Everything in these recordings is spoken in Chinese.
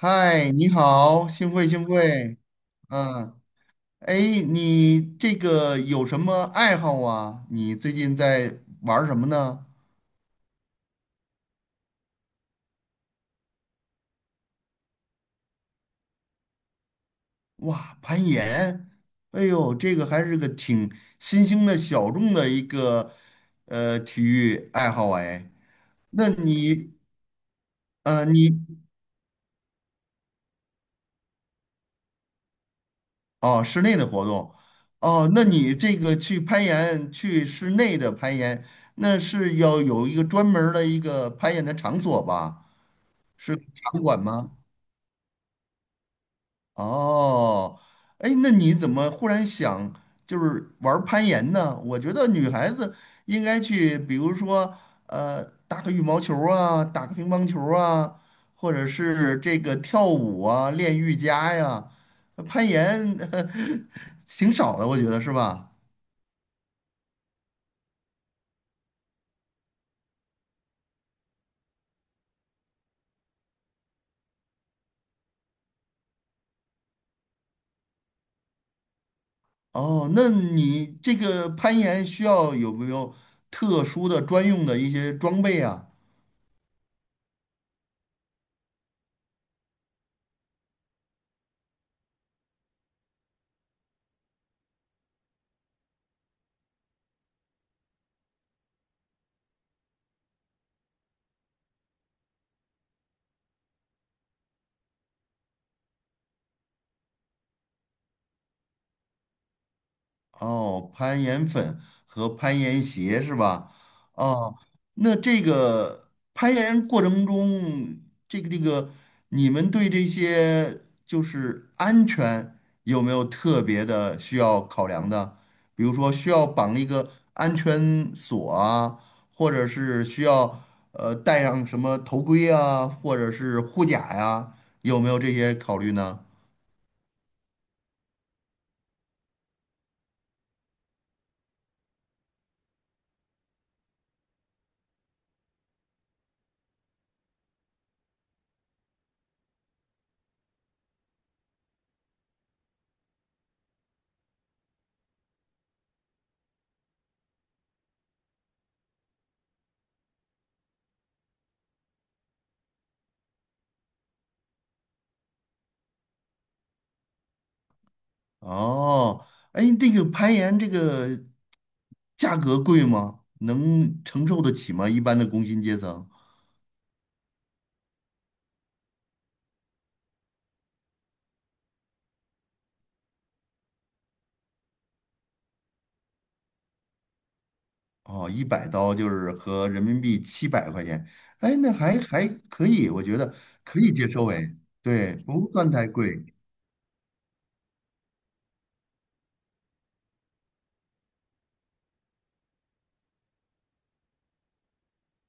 嗨，你好，幸会幸会。嗯，哎，你这个有什么爱好啊？你最近在玩儿什么呢？哇，攀岩，哎呦，这个还是个挺新兴的小众的一个体育爱好哎。那你呃你哦，室内的活动。哦，那你这个去攀岩，去室内的攀岩，那是要有一个专门儿的一个攀岩的场所吧？是场馆吗？哦，哎，那你怎么忽然想就是玩儿攀岩呢？我觉得女孩子应该去，比如说打个羽毛球儿啊，打个乒乓球儿啊，或者是这个跳舞啊，练瑜伽呀。攀岩 挺少的，我觉得是吧？哦，那你这个攀岩需要有没有特殊的专用的一些装备啊？哦，攀岩粉和攀岩鞋是吧？哦，那这个攀岩过程中，这个这个，你们对这些就是安全有没有特别的需要考量的？比如说需要绑一个安全锁啊，或者是需要戴上什么头盔啊，或者是护甲呀，有没有这些考虑呢？哦，哎，这个攀岩这个。价格贵吗？能承受得起吗？一般的工薪阶层，哦，100刀就是合人民币700块钱，哎，那还可以，我觉得可以接受，哎，对，不算太贵。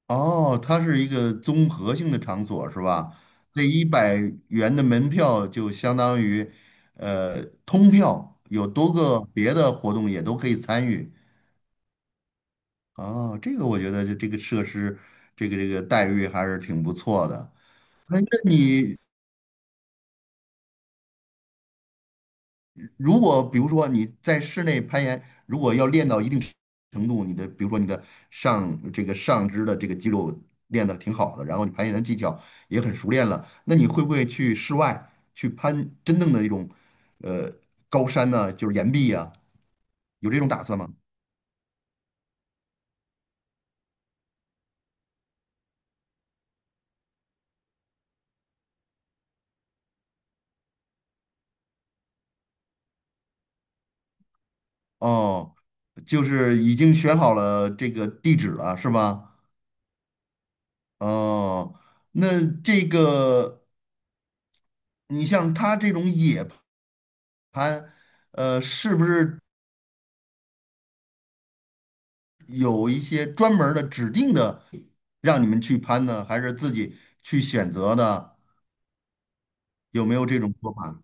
哦，它是一个综合性的场所是吧？这100元的门票就相当于，通票，有多个别的活动也都可以参与。哦，这个我觉得这个设施，这个待遇还是挺不错的。哎，那你如果比如说你在室内攀岩，如果要练到一定程度，你的比如说你的这个上肢的这个肌肉练得挺好的，然后你攀岩的技巧也很熟练了，那你会不会去室外去攀真正的一种呃高山呢？就是岩壁呀、有这种打算吗？哦，就是已经选好了这个地址了，是吧？哦，那这个你像他这种野攀，是不是？有一些专门儿的指定的让你们去攀呢，还是自己去选择的？有没有这种说法？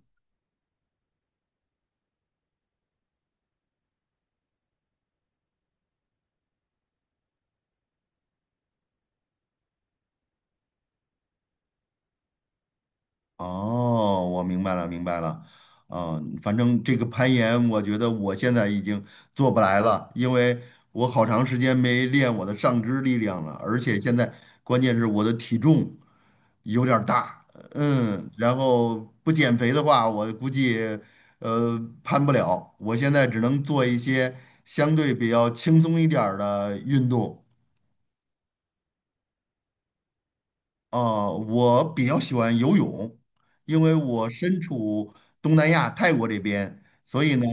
哦，我明白了，明白了。嗯，反正这个攀岩，我觉得我现在已经做不来了，因为我好长时间没练我的上肢力量了，而且现在关键是我的体重有点儿大，嗯，然后不减肥的话，我估计呃攀不了。我现在只能做一些相对比较轻松一点儿的运动。我比较喜欢游泳，因为我身处东南亚泰国这边，所以呢，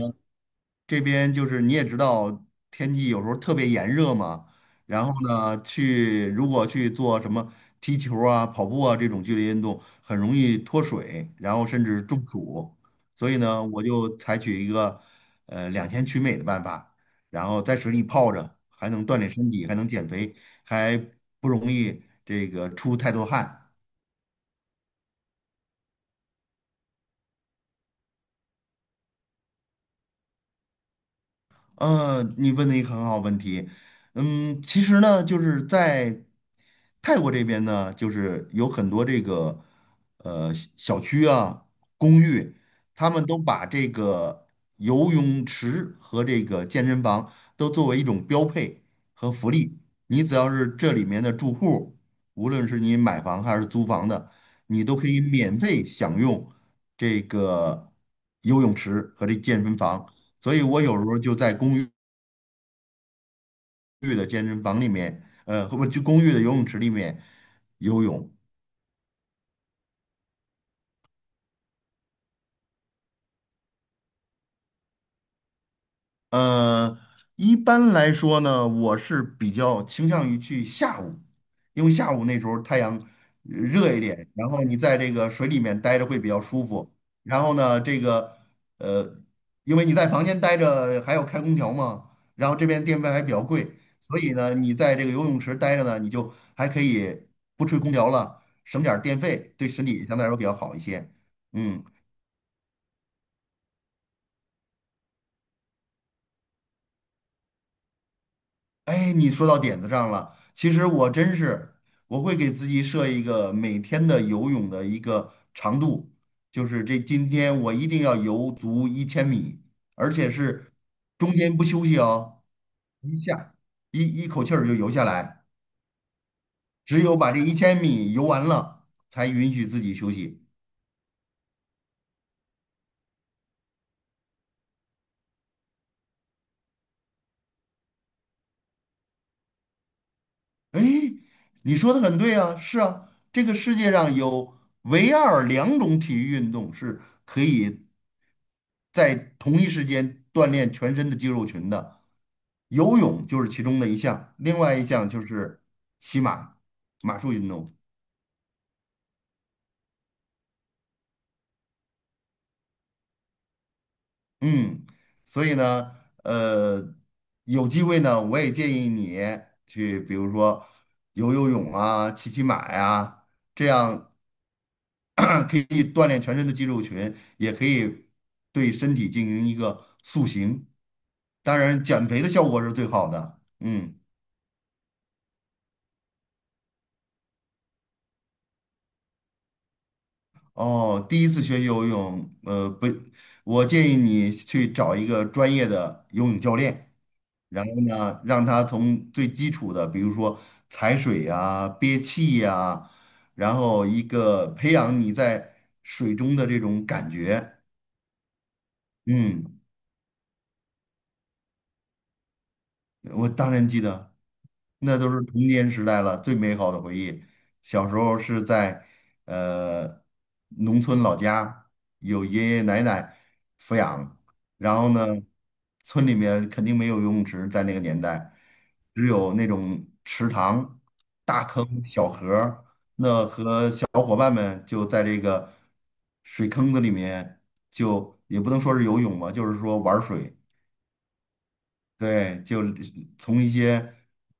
这边就是你也知道，天气有时候特别炎热嘛。然后呢，去如果去做什么踢球啊、跑步啊这种剧烈运动，很容易脱水，然后甚至中暑。所以呢，我就采取一个两全取美的办法，然后在水里泡着，还能锻炼身体，还能减肥，还不容易这个出太多汗。你问的一个很好问题。嗯，其实呢，就是在泰国这边呢，就是有很多这个小区啊、公寓，他们都把这个游泳池和这个健身房都作为一种标配和福利。你只要是这里面的住户，无论是你买房还是租房的，你都可以免费享用这个游泳池和这健身房。所以我有时候就在公寓的健身房里面，或者就公寓的游泳池里面游泳。呃，一般来说呢，我是比较倾向于去下午，因为下午那时候太阳热一点，然后你在这个水里面待着会比较舒服。然后呢，这个呃，因为你在房间待着还要开空调嘛，然后这边电费还比较贵，所以呢，你在这个游泳池待着呢，你就还可以不吹空调了，省点儿电费，对身体相对来说比较好一些。嗯。哎，你说到点子上了。其实我真是，我会给自己设一个每天的游泳的一个长度，就是这今天我一定要游足一千米，而且是中间不休息哦，一下一一口气儿就游下来，只有把这一千米游完了，才允许自己休息。哎，你说的很对啊，是啊，这个世界上有唯二两种体育运动是可以在同一时间锻炼全身的肌肉群的。游泳就是其中的一项，另外一项就是骑马，马术运动。嗯，所以呢，呃，有机会呢，我也建议你去，比如说游游泳啊，骑骑马呀、这样 可以锻炼全身的肌肉群，也可以对身体进行一个塑形。当然，减肥的效果是最好的。嗯。哦，第一次学游泳，不，我建议你去找一个专业的游泳教练，然后呢，让他从最基础的，比如说踩水呀、憋气呀、然后一个培养你在水中的这种感觉，嗯。我当然记得，那都是童年时代了，最美好的回忆。小时候是在呃农村老家，有爷爷奶奶抚养，然后呢，村里面肯定没有游泳池，在那个年代，只有那种池塘、大坑、小河儿。小伙伴们就在这个水坑子里面，就也不能说是游泳吧，就是说玩儿水。对，就是从一些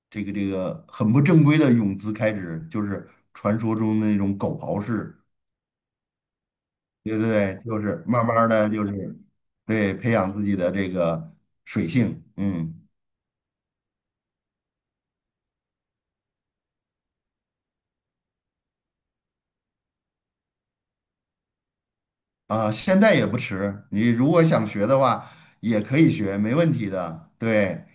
这个很不正规的泳姿开始，就是传说中的那种狗刨式，对对对，就是慢慢的就是对培养自己的这个水性。现在也不迟，你如果想学的话也可以学，没问题的，对，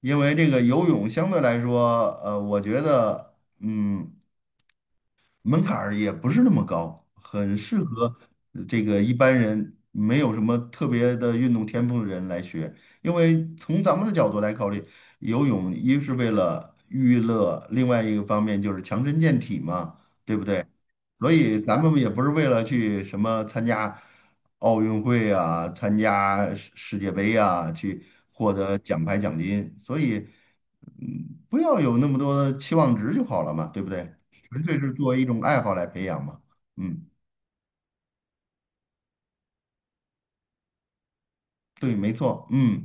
因为这个游泳相对来说，我觉得门槛儿也不是那么高，很适合这个一般人没有什么特别的运动天赋的人来学。因为从咱们的角度来考虑，游泳一是为了娱乐，另外一个方面就是强身健体嘛，对不对？所以咱们也不是为了去什么参加奥运会啊，参加世界杯啊，去获得奖牌奖金。所以不要有那么多的期望值就好了嘛，对不对？纯粹是作为一种爱好来培养嘛。嗯，对，没错。嗯，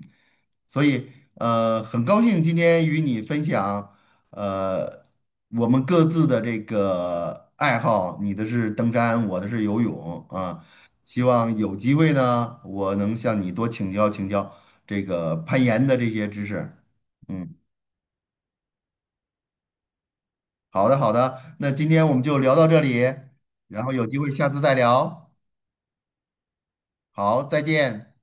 所以很高兴今天与你分享，呃，我们各自的这个爱好，你的是登山，我的是游泳啊。希望有机会呢，我能向你多请教请教这个攀岩的这些知识。嗯，好的好的，那今天我们就聊到这里，然后有机会下次再聊。好，再见。